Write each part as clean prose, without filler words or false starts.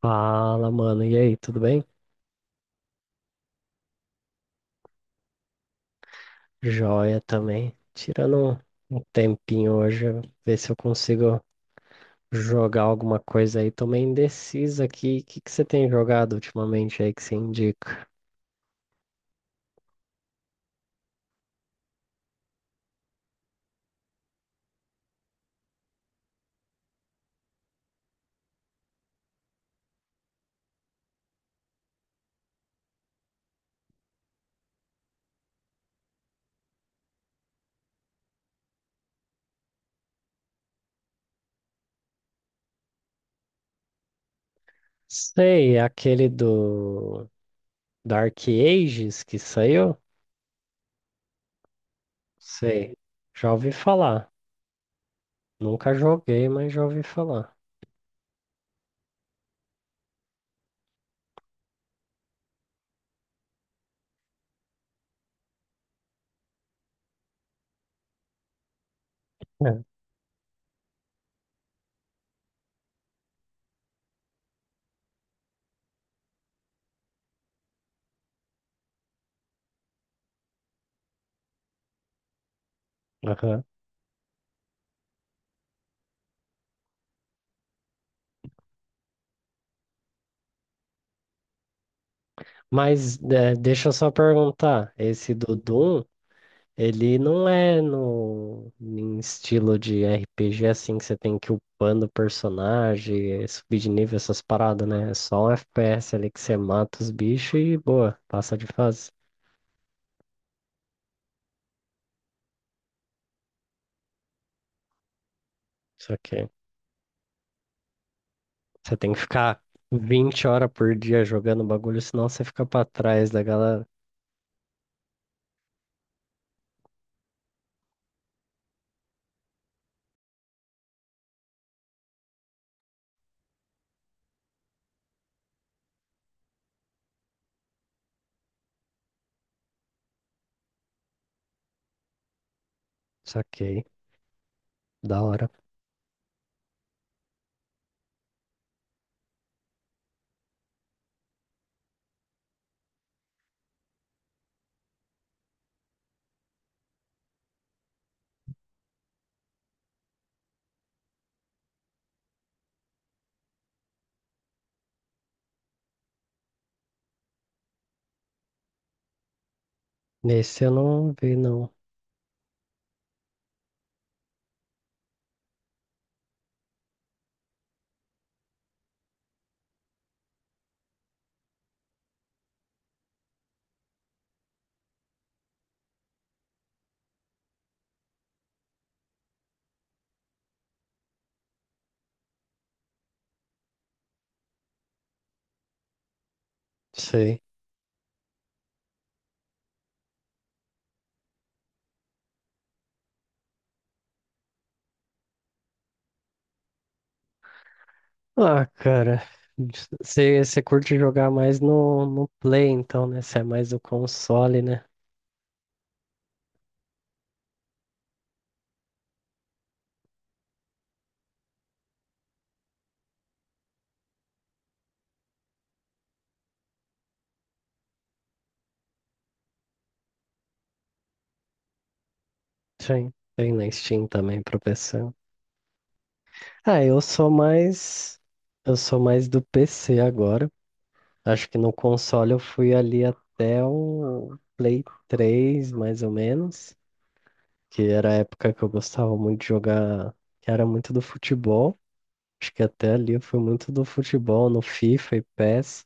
Fala, mano. E aí, tudo bem? Joia também. Tirando um tempinho hoje, ver se eu consigo jogar alguma coisa aí. Tô meio indeciso aqui. O que você tem jogado ultimamente aí que você indica? Sei, aquele do Dark Ages que saiu? Sei. Já ouvi falar. Nunca joguei, mas já ouvi falar. É. Aham. Deixa eu só perguntar, esse do Doom. Ele não é no, em estilo de RPG assim que você tem que ir upando o personagem, subir de nível, essas paradas, né? É só um FPS ali que você mata os bichos e boa, passa de fase. Só que você tem que ficar 20 horas por dia jogando o bagulho, senão você fica pra trás da galera. Saquei, da hora. Nesse eu não vi, não. Sei. Ah, cara. Você curte jogar mais no Play, então, né? Você é mais do console, né? Sim, tem na Steam também pra PC. Ah, eu sou mais. Eu sou mais do PC agora. Acho que no console eu fui ali até o Play 3, mais ou menos. Que era a época que eu gostava muito de jogar, que era muito do futebol. Acho que até ali eu fui muito do futebol, no FIFA e PES.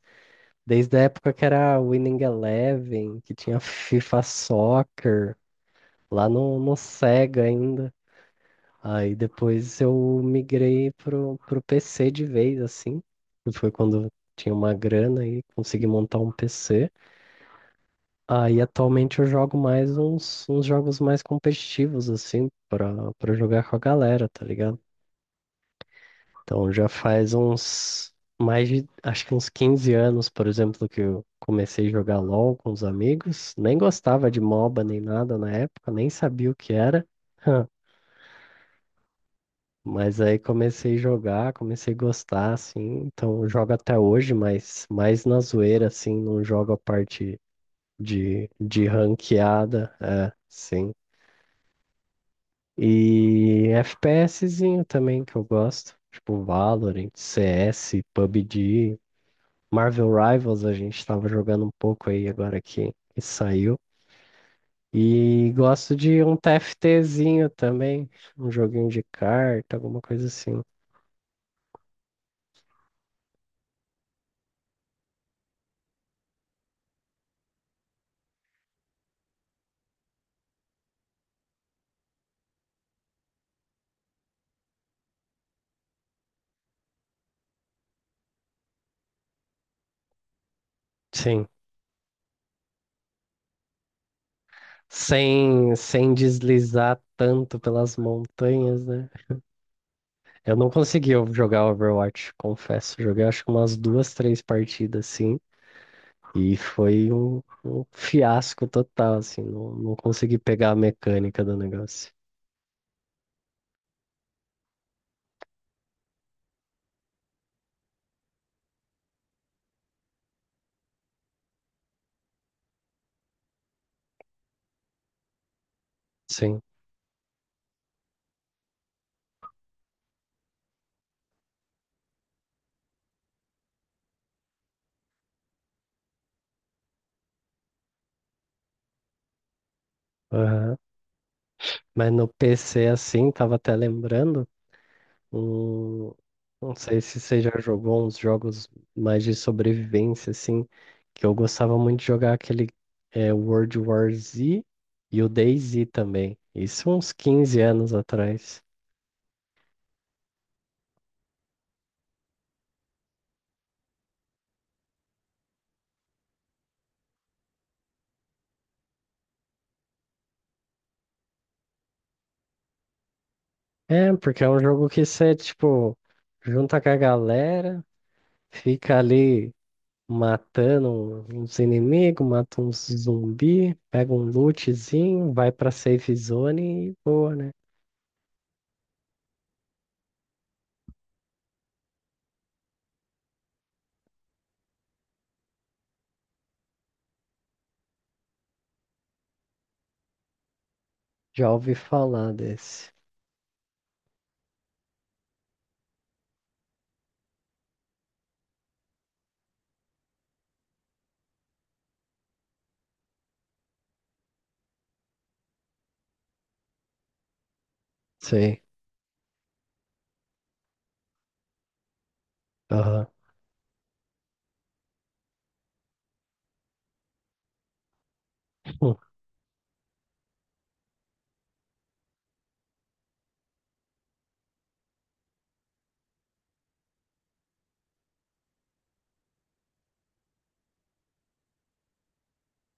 Desde a época que era Winning Eleven, que tinha FIFA Soccer, lá no Sega ainda. Aí depois eu migrei pro PC de vez, assim, que foi quando eu tinha uma grana e consegui montar um PC. Aí atualmente eu jogo mais uns jogos mais competitivos, assim, pra jogar com a galera, tá ligado? Então já faz uns, mais de, acho que uns 15 anos, por exemplo, que eu comecei a jogar LoL com os amigos. Nem gostava de MOBA nem nada na época, nem sabia o que era. Mas aí comecei a jogar, comecei a gostar, assim, então eu jogo até hoje, mas mais na zoeira, assim, não jogo a parte de ranqueada, é, sim. E FPSzinho também que eu gosto, tipo Valorant, CS, PUBG, Marvel Rivals a gente tava jogando um pouco aí agora que saiu. E gosto de um TFTzinho também, um joguinho de carta, alguma coisa assim. Sim. Sem deslizar tanto pelas montanhas, né? Eu não consegui eu jogar Overwatch, confesso. Joguei acho que umas duas, três partidas, assim, e foi um fiasco total, assim. Não, não consegui pegar a mecânica do negócio. Sim. Aham. Mas no PC, assim, tava até lembrando. Hum, não sei se você já jogou uns jogos mais de sobrevivência, assim, que eu gostava muito de jogar aquele World War Z e o DayZ também. Isso uns 15 anos atrás. É, porque é um jogo que você, tipo, junta com a galera, fica ali matando uns inimigos, mata uns zumbi, pega um lootzinho, vai pra safe zone e boa, né? Já ouvi falar desse. Sei. Hum.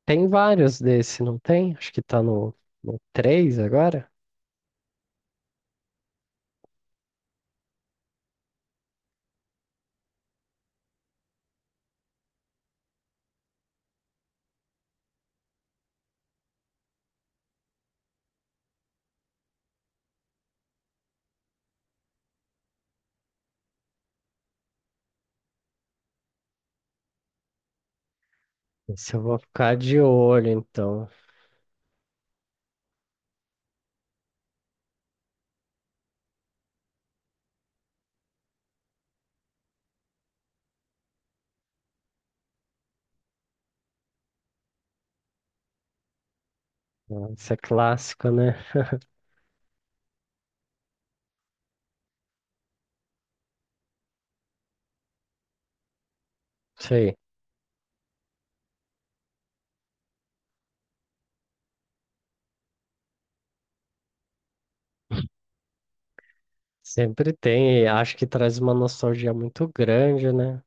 Tem vários desse, não tem? Acho que tá no, no 3 agora. Esse eu vou ficar de olho, então. Isso é clássico, né? Sei. Sempre tem, e acho que traz uma nostalgia muito grande, né?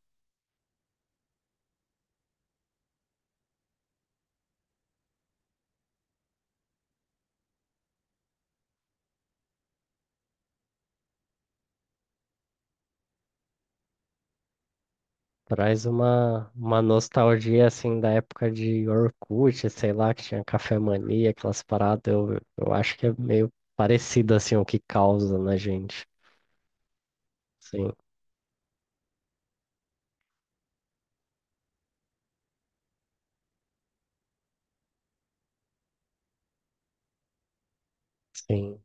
Traz uma nostalgia, assim, da época de Orkut, sei lá, que tinha Café Mania, aquelas paradas. Eu acho que é meio parecido, assim, o que causa na gente. Sim, sim.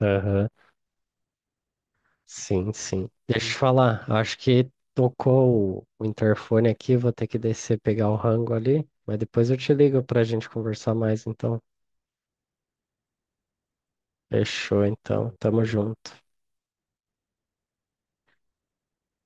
Aham. Sim, sim. Deixa eu te falar, acho que tocou o interfone aqui, vou ter que descer pegar o rango ali, mas depois eu te ligo pra gente conversar mais, então. Fechou, então. Tamo junto.